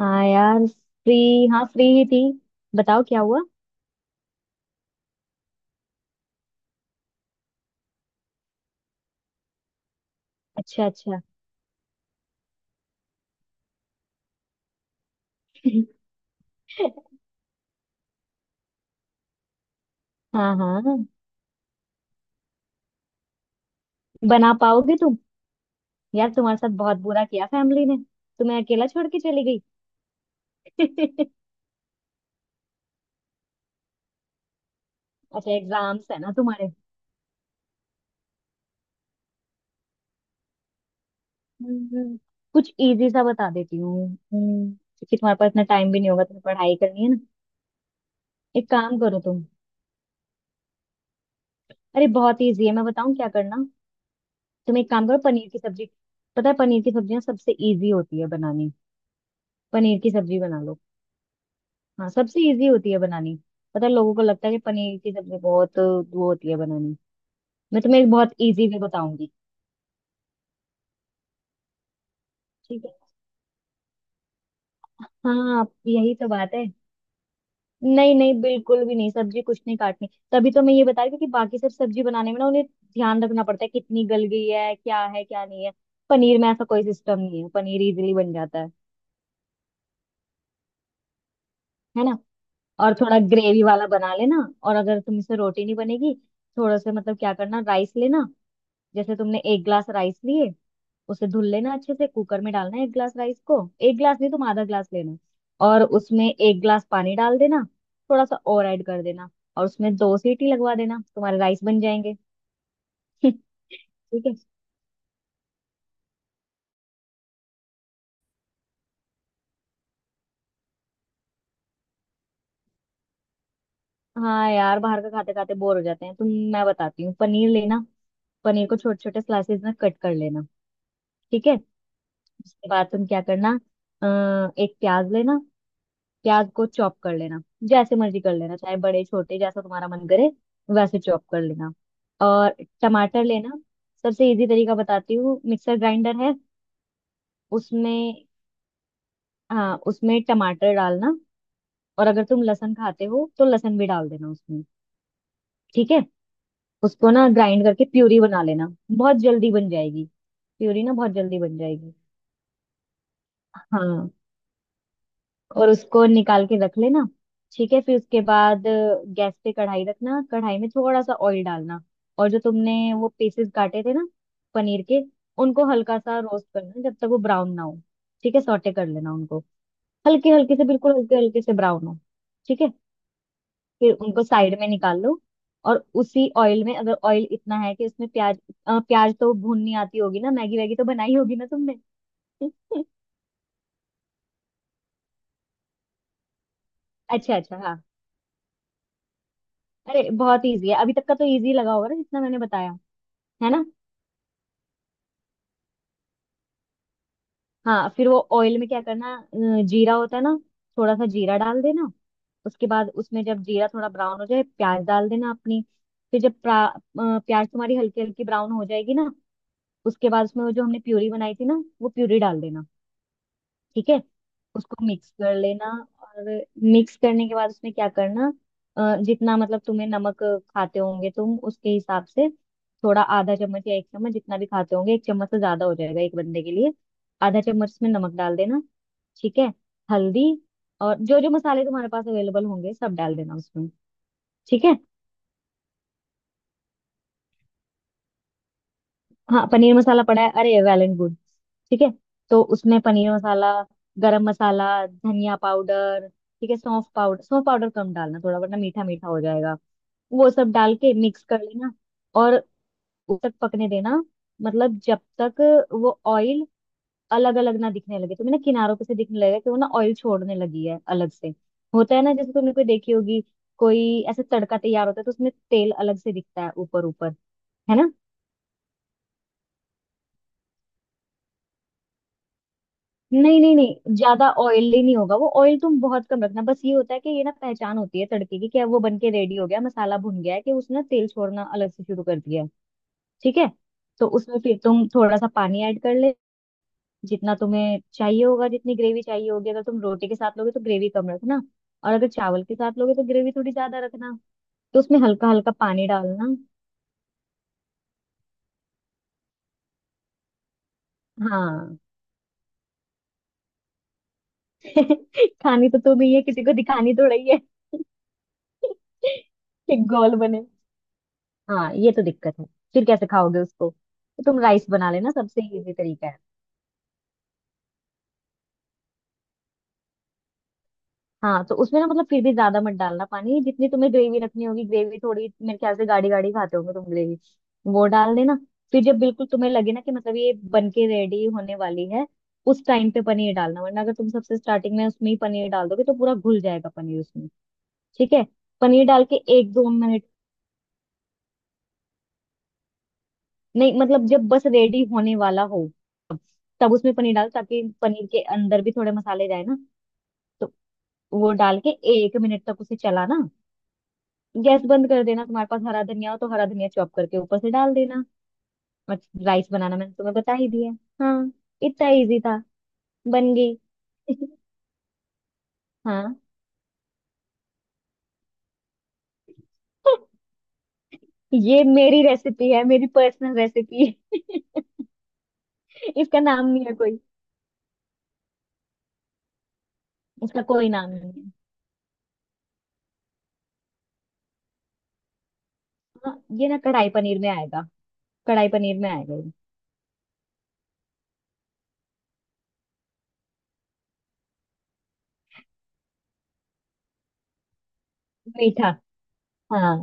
हाँ यार फ्री। हाँ फ्री ही थी। बताओ क्या हुआ। अच्छा अच्छा। हाँ हाँ, बना पाओगे तुम? यार तुम्हारे साथ बहुत बुरा किया फैमिली ने, तुम्हें अकेला छोड़ के चली गई। अच्छा एग्जाम्स है ना तुम्हारे। हम्म, कुछ इजी सा बता देती हूँ। क्योंकि तुम्हारे पास इतना टाइम भी नहीं होगा, तुम्हें पढ़ाई करनी है ना। एक काम करो तुम। अरे बहुत इजी है, मैं बताऊँ क्या करना। तुम एक काम करो, पनीर की सब्जी। पता है, पनीर की सब्जियाँ सबसे इजी होती है बनानी। पनीर की सब्जी बना लो। हाँ, सबसे इजी होती है बनानी। पता है, लोगों को लगता है कि पनीर की सब्जी बहुत वो होती है बनानी। मैं तुम्हें एक बहुत इजी वे बताऊंगी। ठीक है। हाँ, यही तो बात है। नहीं नहीं, बिल्कुल भी नहीं, सब्जी कुछ नहीं काटनी। तभी तो मैं ये बता रही थी कि बाकी सब सब्जी बनाने में ना उन्हें ध्यान रखना पड़ता है कितनी गल गई है, क्या है क्या नहीं है। पनीर में ऐसा कोई सिस्टम नहीं है, पनीर इजीली बन जाता है ना। और थोड़ा ग्रेवी वाला बना लेना। और अगर तुमसे रोटी नहीं बनेगी, थोड़ा सा मतलब क्या करना, राइस लेना। जैसे तुमने एक ग्लास राइस लिए, उसे धुल लेना अच्छे से, कुकर में डालना है एक गिलास राइस को। एक गिलास नहीं, तुम आधा गिलास लेना। और उसमें एक गिलास पानी डाल देना। थोड़ा सा और ऐड कर देना। और उसमें 2 सीटी लगवा देना, तुम्हारे राइस बन जाएंगे। ठीक है। हाँ यार, बाहर का खाते खाते बोर हो जाते हैं तुम। मैं बताती हूँ, पनीर लेना। पनीर को छोटे छोटे स्लाइसेस में कट कर लेना। ठीक है। उसके बाद तुम क्या करना, एक प्याज लेना। प्याज को चॉप कर लेना। जैसे मर्जी कर लेना, चाहे बड़े छोटे जैसा तुम्हारा मन करे, वैसे चॉप कर लेना। और टमाटर लेना। सबसे इजी तरीका बताती हूँ, मिक्सर ग्राइंडर है उसमें। हाँ, उसमें टमाटर डालना। और अगर तुम लहसुन खाते हो तो लहसुन भी डाल देना उसमें। ठीक है। उसको ना ग्राइंड करके प्यूरी बना लेना, बहुत जल्दी बन जाएगी। प्यूरी ना बहुत जल्दी बन जाएगी। हाँ। और उसको निकाल के रख लेना। ठीक है। फिर उसके बाद गैस पे कढ़ाई रखना, कढ़ाई में थोड़ा सा ऑयल डालना। और जो तुमने वो पीसेस काटे थे ना, पनीर के, उनको हल्का सा रोस्ट करना, जब तक वो ब्राउन ना हो। ठीक है, सौटे कर लेना उनको। हल्के हल्के से, बिल्कुल हल्के हल्के से, ब्राउन हो। ठीक है। फिर उनको साइड में निकाल लो। और उसी ऑयल में, अगर ऑयल इतना है कि उसमें प्याज, प्याज तो भूननी आती होगी ना, मैगी वैगी तो बनाई होगी ना तुमने। अच्छा अच्छा, हाँ। अरे बहुत इजी है, अभी तक का तो इजी लगा होगा ना जितना मैंने बताया, है ना। हाँ, फिर वो ऑयल में क्या करना, जीरा होता है ना, थोड़ा सा जीरा डाल देना। उसके बाद उसमें जब जीरा थोड़ा ब्राउन हो जाए, प्याज डाल देना अपनी। फिर जब प्याज तुम्हारी हल्की हल्की ब्राउन हो जाएगी ना, उसके बाद उसमें वो जो हमने प्यूरी बनाई थी ना, वो प्यूरी डाल देना। ठीक है। उसको मिक्स कर लेना। और मिक्स करने के बाद उसमें क्या करना, जितना मतलब तुम्हें नमक खाते होंगे तुम, उसके हिसाब से थोड़ा, आधा चम्मच या 1 चम्मच, जितना भी खाते होंगे। 1 चम्मच से ज्यादा हो जाएगा एक बंदे के लिए, आधा चम्मच इसमें नमक डाल देना। ठीक है। हल्दी, और जो जो मसाले तुम्हारे पास अवेलेबल होंगे सब डाल देना उसमें। ठीक है। हाँ, पनीर मसाला पड़ा है, अरे वैलेंट गुड। ठीक है, तो उसमें पनीर मसाला, गरम मसाला, धनिया पाउडर, ठीक है, सौंफ पाउडर। सौंफ पाउडर कम डालना थोड़ा वरना मीठा मीठा हो जाएगा। वो सब डाल के मिक्स कर लेना। और उस तक पकने देना, मतलब जब तक वो ऑयल अलग अलग ना दिखने लगे तुम्हें ना, किनारों पे से दिखने लगेगा कि वो ना ऑयल छोड़ने लगी है अलग से। होता है ना, जैसे तुमने कोई देखी होगी, कोई ऐसे तड़का तैयार होता है तो उसमें तेल अलग से दिखता है ऊपर ऊपर, है ना। नहीं नहीं नहीं, ज्यादा ऑयली नहीं होगा, वो ऑयल तुम बहुत कम रखना। बस ये होता है कि ये ना पहचान होती है तड़के की, क्या वो बन के रेडी हो गया, मसाला भुन गया है, कि उसने तेल छोड़ना अलग से शुरू कर दिया है। ठीक है। तो उसमें फिर तुम थोड़ा सा पानी ऐड कर ले, जितना तुम्हें चाहिए होगा, जितनी ग्रेवी चाहिए होगी। अगर तुम रोटी के साथ लोगे तो ग्रेवी कम रखना, और अगर चावल के साथ लोगे तो ग्रेवी थोड़ी ज्यादा रखना। तो उसमें हल्का हल्का पानी डालना। हाँ। खानी तो तुम ही है, किसी को दिखानी थोड़ा ही है। कि गोल बने। हाँ, ये तो दिक्कत है। फिर कैसे खाओगे उसको, तो तुम राइस बना लेना, सबसे इजी तरीका है। हाँ, तो उसमें ना मतलब फिर भी ज्यादा मत डालना पानी, जितनी तुम्हें ग्रेवी रखनी होगी। ग्रेवी थोड़ी, मेरे ख्याल से गाढ़ी गाढ़ी खाते होंगे तुम ग्रेवी, वो डाल देना। फिर जब बिल्कुल तुम्हें लगे ना कि मतलब ये बन के रेडी होने वाली है, उस टाइम पे पनीर डालना। वरना अगर तुम सबसे स्टार्टिंग में उसमें ही पनीर डाल दोगे तो पूरा घुल जाएगा पनीर उसमें। ठीक है, पनीर डाल के 1-2 मिनट। नहीं मतलब जब बस रेडी होने वाला हो, तब उसमें पनीर डाल ताकि पनीर के अंदर भी थोड़े मसाले जाए ना। तो वो डाल के 1 मिनट तक उसे चलाना। गैस बंद कर देना। तुम्हारे पास हरा धनिया हो तो हरा धनिया चॉप करके ऊपर से डाल देना। और राइस बनाना मैंने तुम्हें बता ही दिया। हाँ, इतना इजी था। बन गई। हाँ। ये मेरी रेसिपी है, मेरी पर्सनल रेसिपी है। इसका नाम नहीं है कोई। इसका कोई नाम नहीं है। हाँ, ये ना कढ़ाई पनीर में आएगा। कढ़ाई पनीर में आएगा ये। मीठा, हाँ।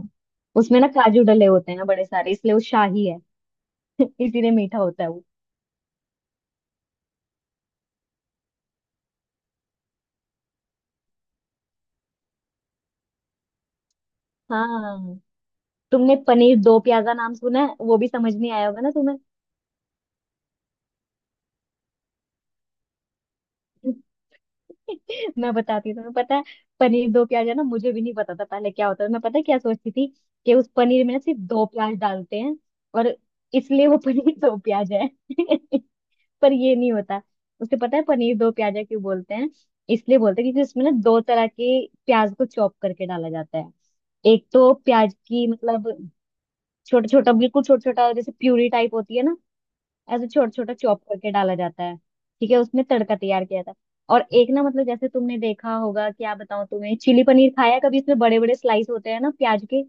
उसमें ना काजू डले होते हैं ना बड़े सारे, इसलिए वो शाही है। इसीलिए मीठा होता है वो। हाँ। तुमने पनीर दो प्याजा नाम सुना है, वो भी समझ नहीं आया होगा ना तुम्हें। मैं बताती हूँ तुम्हें। पता है, पनीर दो प्याजा ना मुझे भी नहीं पता था पहले क्या होता है। मैं पता है क्या सोचती थी, कि उस पनीर में ना सिर्फ दो प्याज डालते हैं और इसलिए वो पनीर दो प्याज है। पर ये नहीं होता। उसे पता है पनीर दो प्याजा क्यों बोलते हैं? इसलिए बोलते हैं क्योंकि उसमें ना दो तरह के प्याज को चॉप करके डाला जाता है। एक तो प्याज की मतलब छोटा छोटा, बिल्कुल छोटा छोटा, जैसे प्यूरी टाइप होती है ना, ऐसे छोटा छोटा चॉप करके डाला जाता है। ठीक है, उसमें तड़का तैयार किया जाता है। और एक ना, मतलब जैसे तुमने देखा होगा, क्या बताऊं तुम्हें, चिली पनीर खाया है कभी? इसमें बड़े बड़े स्लाइस होते हैं ना प्याज के।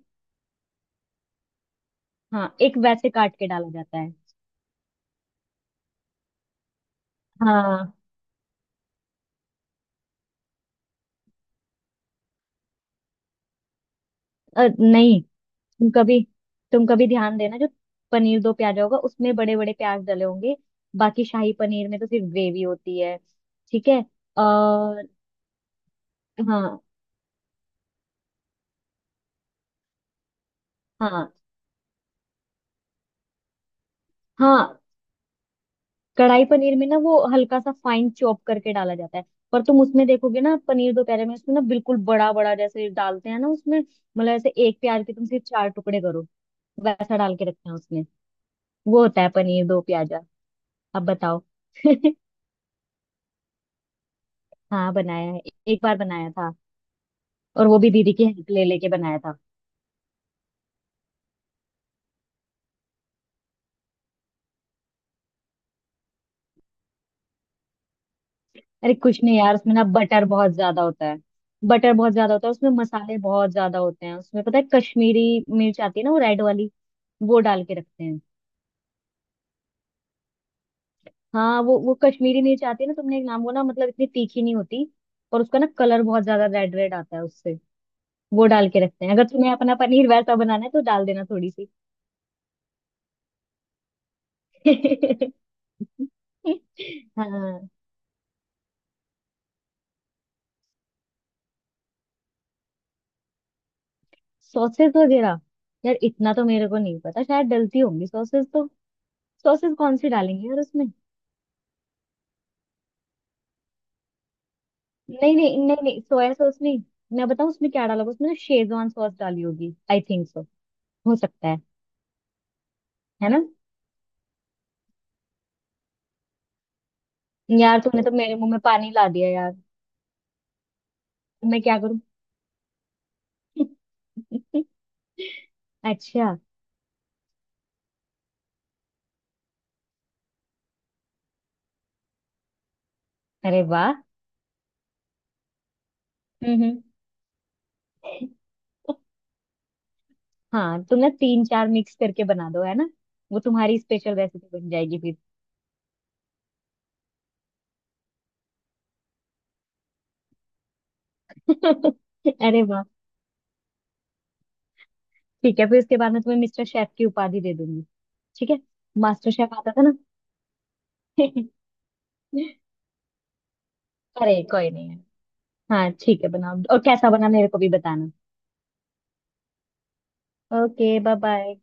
हाँ, एक वैसे काट के डाला जाता है। हाँ, नहीं, तुम कभी, तुम कभी ध्यान देना, जो पनीर दो प्याजा होगा उसमें बड़े बड़े प्याज डले होंगे। बाकी शाही पनीर में तो सिर्फ ग्रेवी होती है। ठीक है। और हाँ, हाँ हाँ। कढ़ाई पनीर में ना वो हल्का सा फाइन चॉप करके डाला जाता है। पर तुम उसमें देखोगे ना, पनीर दोपहर में उसमें ना बिल्कुल बड़ा बड़ा जैसे डालते हैं ना उसमें, मतलब ऐसे एक प्याज के तुम सिर्फ चार टुकड़े करो, वैसा डाल के रखते हैं उसमें। वो होता है पनीर दो प्याजा। अब बताओ। हाँ, बनाया है। एक बार बनाया था। और वो भी दीदी की हेल्प ले लेके बनाया था। अरे कुछ नहीं यार, उसमें ना बटर बहुत ज्यादा होता है। बटर बहुत ज्यादा होता है उसमें, मसाले बहुत ज्यादा होते हैं उसमें। पता है, कश्मीरी मिर्च आती है ना, वो रेड वाली, वो डाल के रखते हैं। हाँ, वो कश्मीरी मिर्च आती है ना, तुमने एक नाम, वो ना मतलब इतनी तीखी नहीं होती, और उसका ना कलर बहुत ज्यादा रेड रेड आता है उससे। वो डाल के रखते हैं। अगर तुम्हें अपना पनीर वैसा बनाना है तो डाल देना थोड़ी सी। हाँ, सॉसेस वगैरह, यार इतना तो मेरे को नहीं पता। शायद डलती होंगी सॉसेस तो। सॉसेस कौन सी डालेंगे यार उसमें। नहीं नहीं नहीं नहीं, सोया सॉस नहीं। मैं बताऊँ उसमें क्या डाला होगा, उसमें ना शेजवान सॉस डाली होगी, आई थिंक सो। हो सकता है ना। यार तुमने तो मेरे मुंह में पानी ला दिया यार, मैं क्या करूँ। अच्छा, अरे वाह। हम्म। हम्म। हाँ, तुम ना 3-4 मिक्स करके बना दो, है ना। वो तुम्हारी स्पेशल रेसिपी बन जाएगी फिर। अरे वाह। ठीक है, फिर उसके बाद मैं तुम्हें मिस्टर शेफ की उपाधि दे दूंगी। ठीक है, मास्टर शेफ आता था ना। अरे कोई नहीं है। हाँ ठीक है, बनाओ, और कैसा बना मेरे को भी बताना। Okay, bye bye.